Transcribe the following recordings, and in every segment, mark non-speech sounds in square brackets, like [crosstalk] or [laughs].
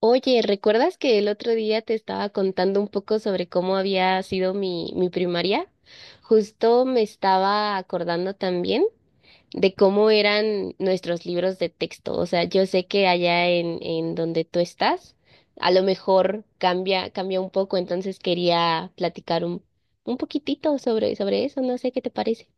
Oye, ¿recuerdas que el otro día te estaba contando un poco sobre cómo había sido mi primaria? Justo me estaba acordando también de cómo eran nuestros libros de texto. O sea, yo sé que allá en donde tú estás, a lo mejor cambia un poco, entonces quería platicar un poquitito sobre eso. No sé qué te parece.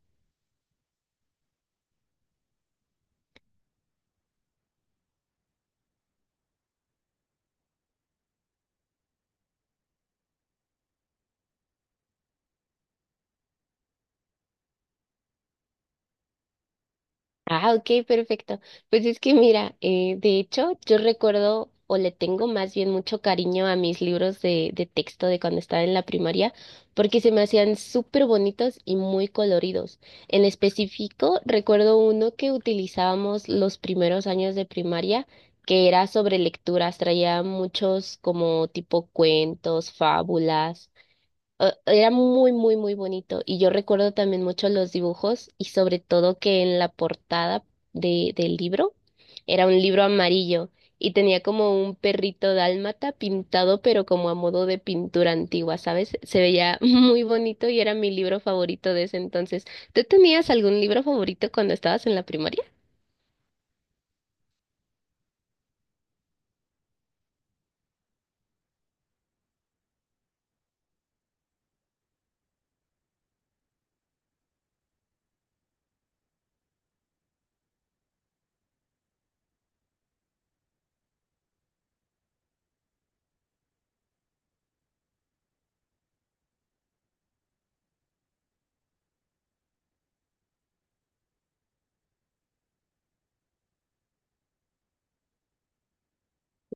Ah, ok, perfecto. Pues es que mira, de hecho, yo recuerdo o le tengo más bien mucho cariño a mis libros de texto de cuando estaba en la primaria, porque se me hacían súper bonitos y muy coloridos. En específico, recuerdo uno que utilizábamos los primeros años de primaria, que era sobre lecturas, traía muchos como tipo cuentos, fábulas Era muy, muy, muy bonito. Y yo recuerdo también mucho los dibujos y sobre todo que en la portada del libro era un libro amarillo y tenía como un perrito dálmata pintado, pero como a modo de pintura antigua, ¿sabes? Se veía [laughs] muy bonito y era mi libro favorito de ese entonces. ¿Tú tenías algún libro favorito cuando estabas en la primaria?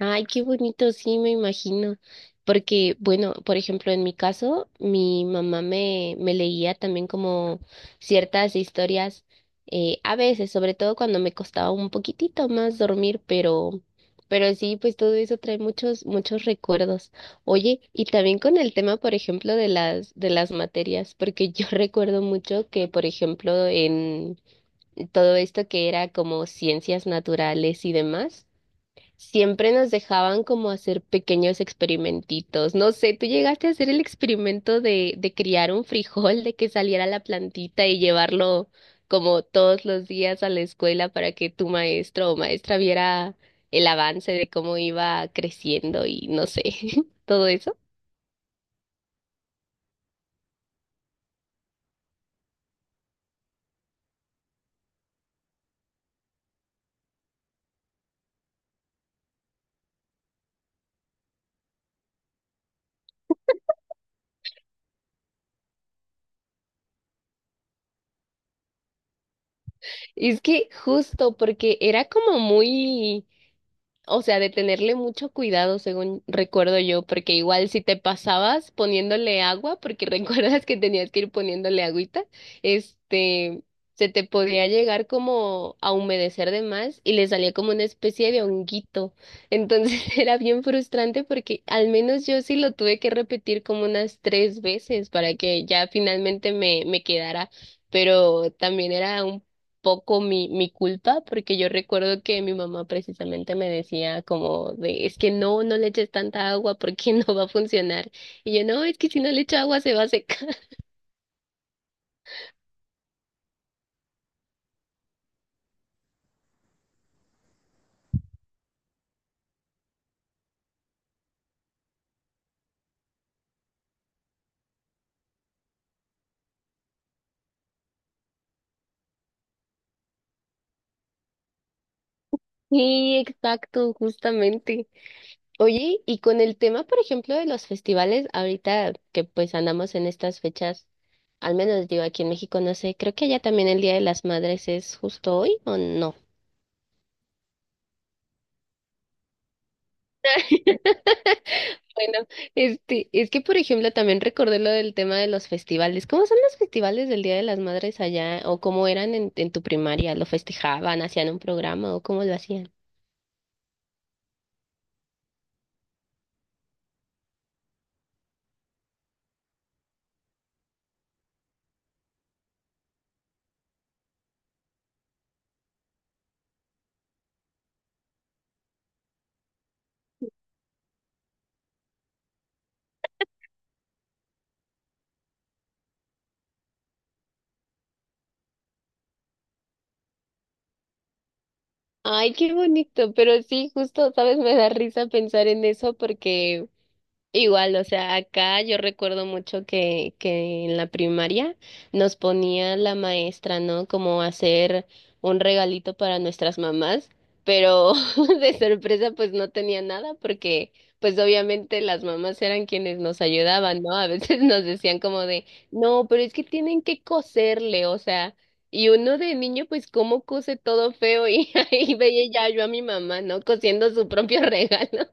Ay, qué bonito, sí, me imagino. Porque, bueno, por ejemplo, en mi caso, mi mamá me leía también como ciertas historias, a veces, sobre todo cuando me costaba un poquitito más dormir, pero sí, pues todo eso trae muchos, muchos recuerdos. Oye, y también con el tema, por ejemplo, de de las materias, porque yo [laughs] recuerdo mucho que, por ejemplo, en todo esto que era como ciencias naturales y demás, siempre nos dejaban como hacer pequeños experimentitos. No sé, tú llegaste a hacer el experimento de criar un frijol, de que saliera la plantita y llevarlo como todos los días a la escuela para que tu maestro o maestra viera el avance de cómo iba creciendo y no sé, [laughs] todo eso. Es que justo porque era como muy... O sea, de tenerle mucho cuidado, según recuerdo yo, porque igual si te pasabas poniéndole agua, porque [laughs] recuerdas que tenías que ir poniéndole agüita, este, se te podía llegar como a humedecer de más y le salía como una especie de honguito. Entonces [laughs] era bien frustrante porque al menos yo sí lo tuve que repetir como unas tres veces para que ya finalmente me quedara, pero también era un poco mi culpa, porque yo recuerdo que mi mamá precisamente me decía como de, es que no, no le eches tanta agua porque [laughs] no va a funcionar. Y yo, no, es que si no le echo agua se va a secar. [laughs] Sí, exacto, justamente. Oye, y con el tema, por ejemplo, de los festivales, ahorita que pues andamos en estas fechas, al menos digo aquí en México, no sé, creo que allá también el Día de las Madres es justo hoy o no. Bueno, este, es que por ejemplo también recordé lo del tema de los festivales. ¿Cómo son los festivales del Día de las Madres allá? ¿O cómo eran en tu primaria? ¿Lo festejaban? ¿Hacían un programa? ¿O cómo lo hacían? Ay, qué bonito, pero sí, justo, sabes, me da risa pensar en eso porque... Igual, o sea, acá yo recuerdo mucho que en la primaria nos ponía la maestra, ¿no? Como hacer un regalito para nuestras mamás, pero [laughs] de sorpresa pues no tenía nada porque pues obviamente las mamás eran quienes nos ayudaban, ¿no? A veces [laughs] nos decían como de, no, pero es que tienen que coserle, o sea, y uno de niño pues cómo cose todo feo y [laughs] ahí veía ya yo a mi mamá, ¿no? Cosiendo su propio regalo.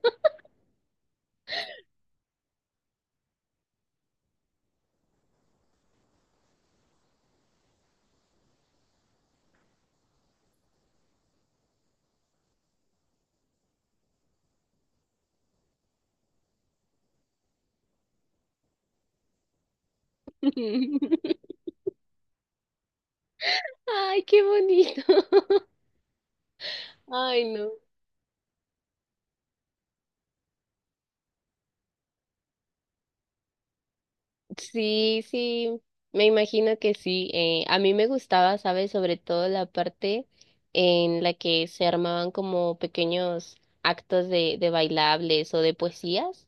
[laughs] Ay, qué bonito. [laughs] Ay, no. Sí, sí, me imagino que sí. A mí me gustaba, ¿sabes? Sobre todo la parte en la que se armaban como pequeños actos de bailables o de poesías.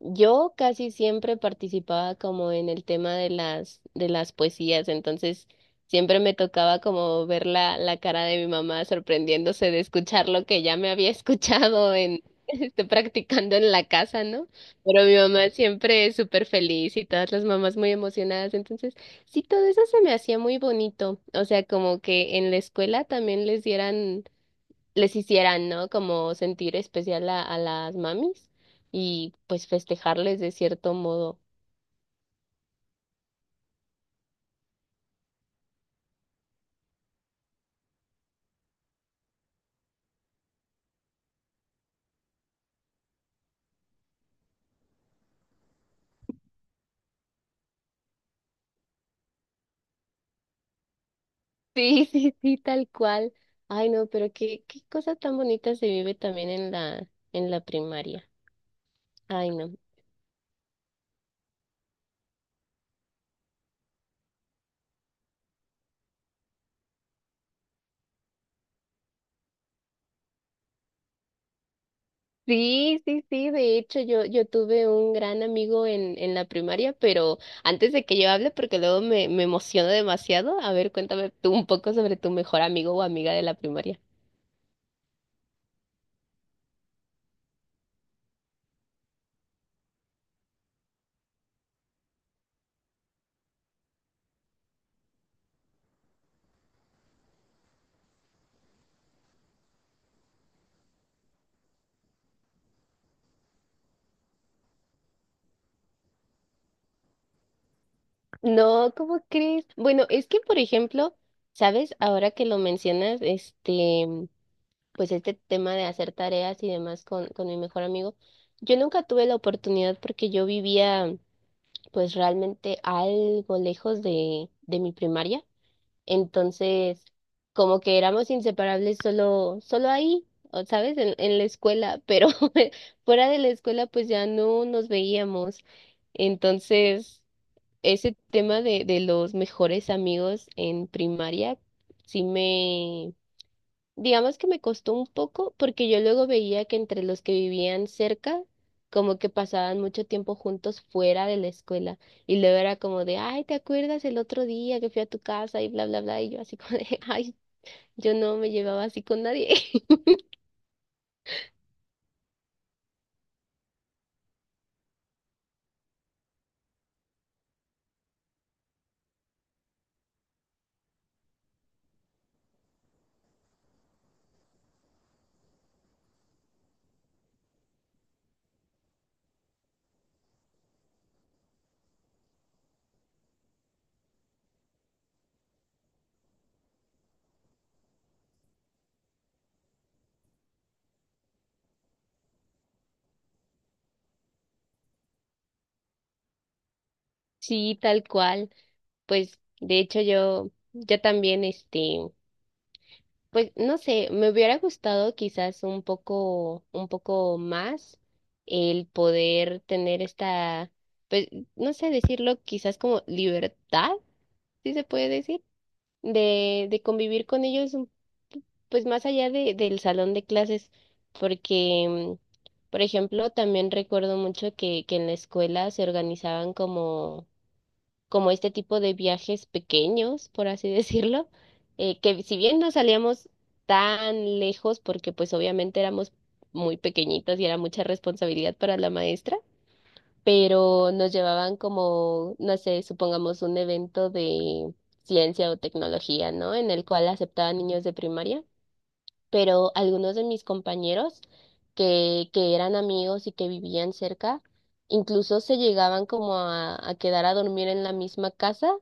Yo casi siempre participaba como en el tema de de las poesías, entonces siempre me tocaba como ver la cara de mi mamá sorprendiéndose de escuchar lo que ya me había escuchado en, [laughs] este, practicando en la casa, ¿no? Pero mi mamá siempre es súper feliz y todas las mamás muy emocionadas, entonces sí, todo eso se me hacía muy bonito, o sea, como que en la escuela también les dieran les hicieran, ¿no? Como sentir especial a las mamis y pues festejarles de cierto modo. Sí, [laughs] sí, sí, tal cual. Ay, no, pero qué, qué cosa tan bonita se vive también en en la primaria. Ay, no. Sí, sí, sí, de hecho yo tuve un gran amigo en la primaria, pero antes de que yo hable, porque luego me emociono demasiado, a ver, cuéntame tú un poco sobre tu mejor amigo o amiga de la primaria. No, ¿cómo crees? Bueno, es que, por ejemplo, ¿sabes? Ahora que lo mencionas, este, pues este tema de hacer tareas y demás con mi mejor amigo, yo nunca tuve la oportunidad porque yo vivía, pues realmente algo lejos de mi primaria. Entonces, como que éramos inseparables solo ahí, o, ¿sabes? En la escuela, pero [laughs] fuera de la escuela, pues ya no nos veíamos. Entonces ese tema de los mejores amigos en primaria sí me, digamos que me costó un poco porque yo luego veía que entre los que vivían cerca, como que pasaban mucho tiempo juntos fuera de la escuela y luego era como de, ay, ¿te acuerdas el otro día que fui a tu casa y bla, bla, bla? Y yo así como de, [laughs] ay, yo no me llevaba así con nadie. [laughs] Sí, tal cual. Pues de hecho yo también, este... Pues no sé, me hubiera gustado quizás un poco más el poder tener esta, pues no sé decirlo, quizás como libertad, si se puede decir, de convivir con ellos, pues más allá del salón de clases, porque, por ejemplo, también recuerdo mucho que en la escuela se organizaban como este tipo de viajes pequeños, por así [laughs] decirlo, que si bien no salíamos tan lejos, porque pues obviamente éramos muy pequeñitos y era mucha responsabilidad para la maestra, pero nos llevaban como, no sé, supongamos un evento de ciencia o tecnología, ¿no? En el cual aceptaban niños de primaria, pero algunos de mis compañeros que eran amigos y que vivían cerca, incluso se llegaban como a quedar a dormir en la misma casa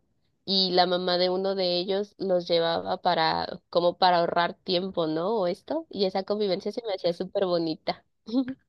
y la mamá de uno de ellos los llevaba para, como para ahorrar tiempo, ¿no? O esto, y esa convivencia se me hacía súper bonita. [laughs]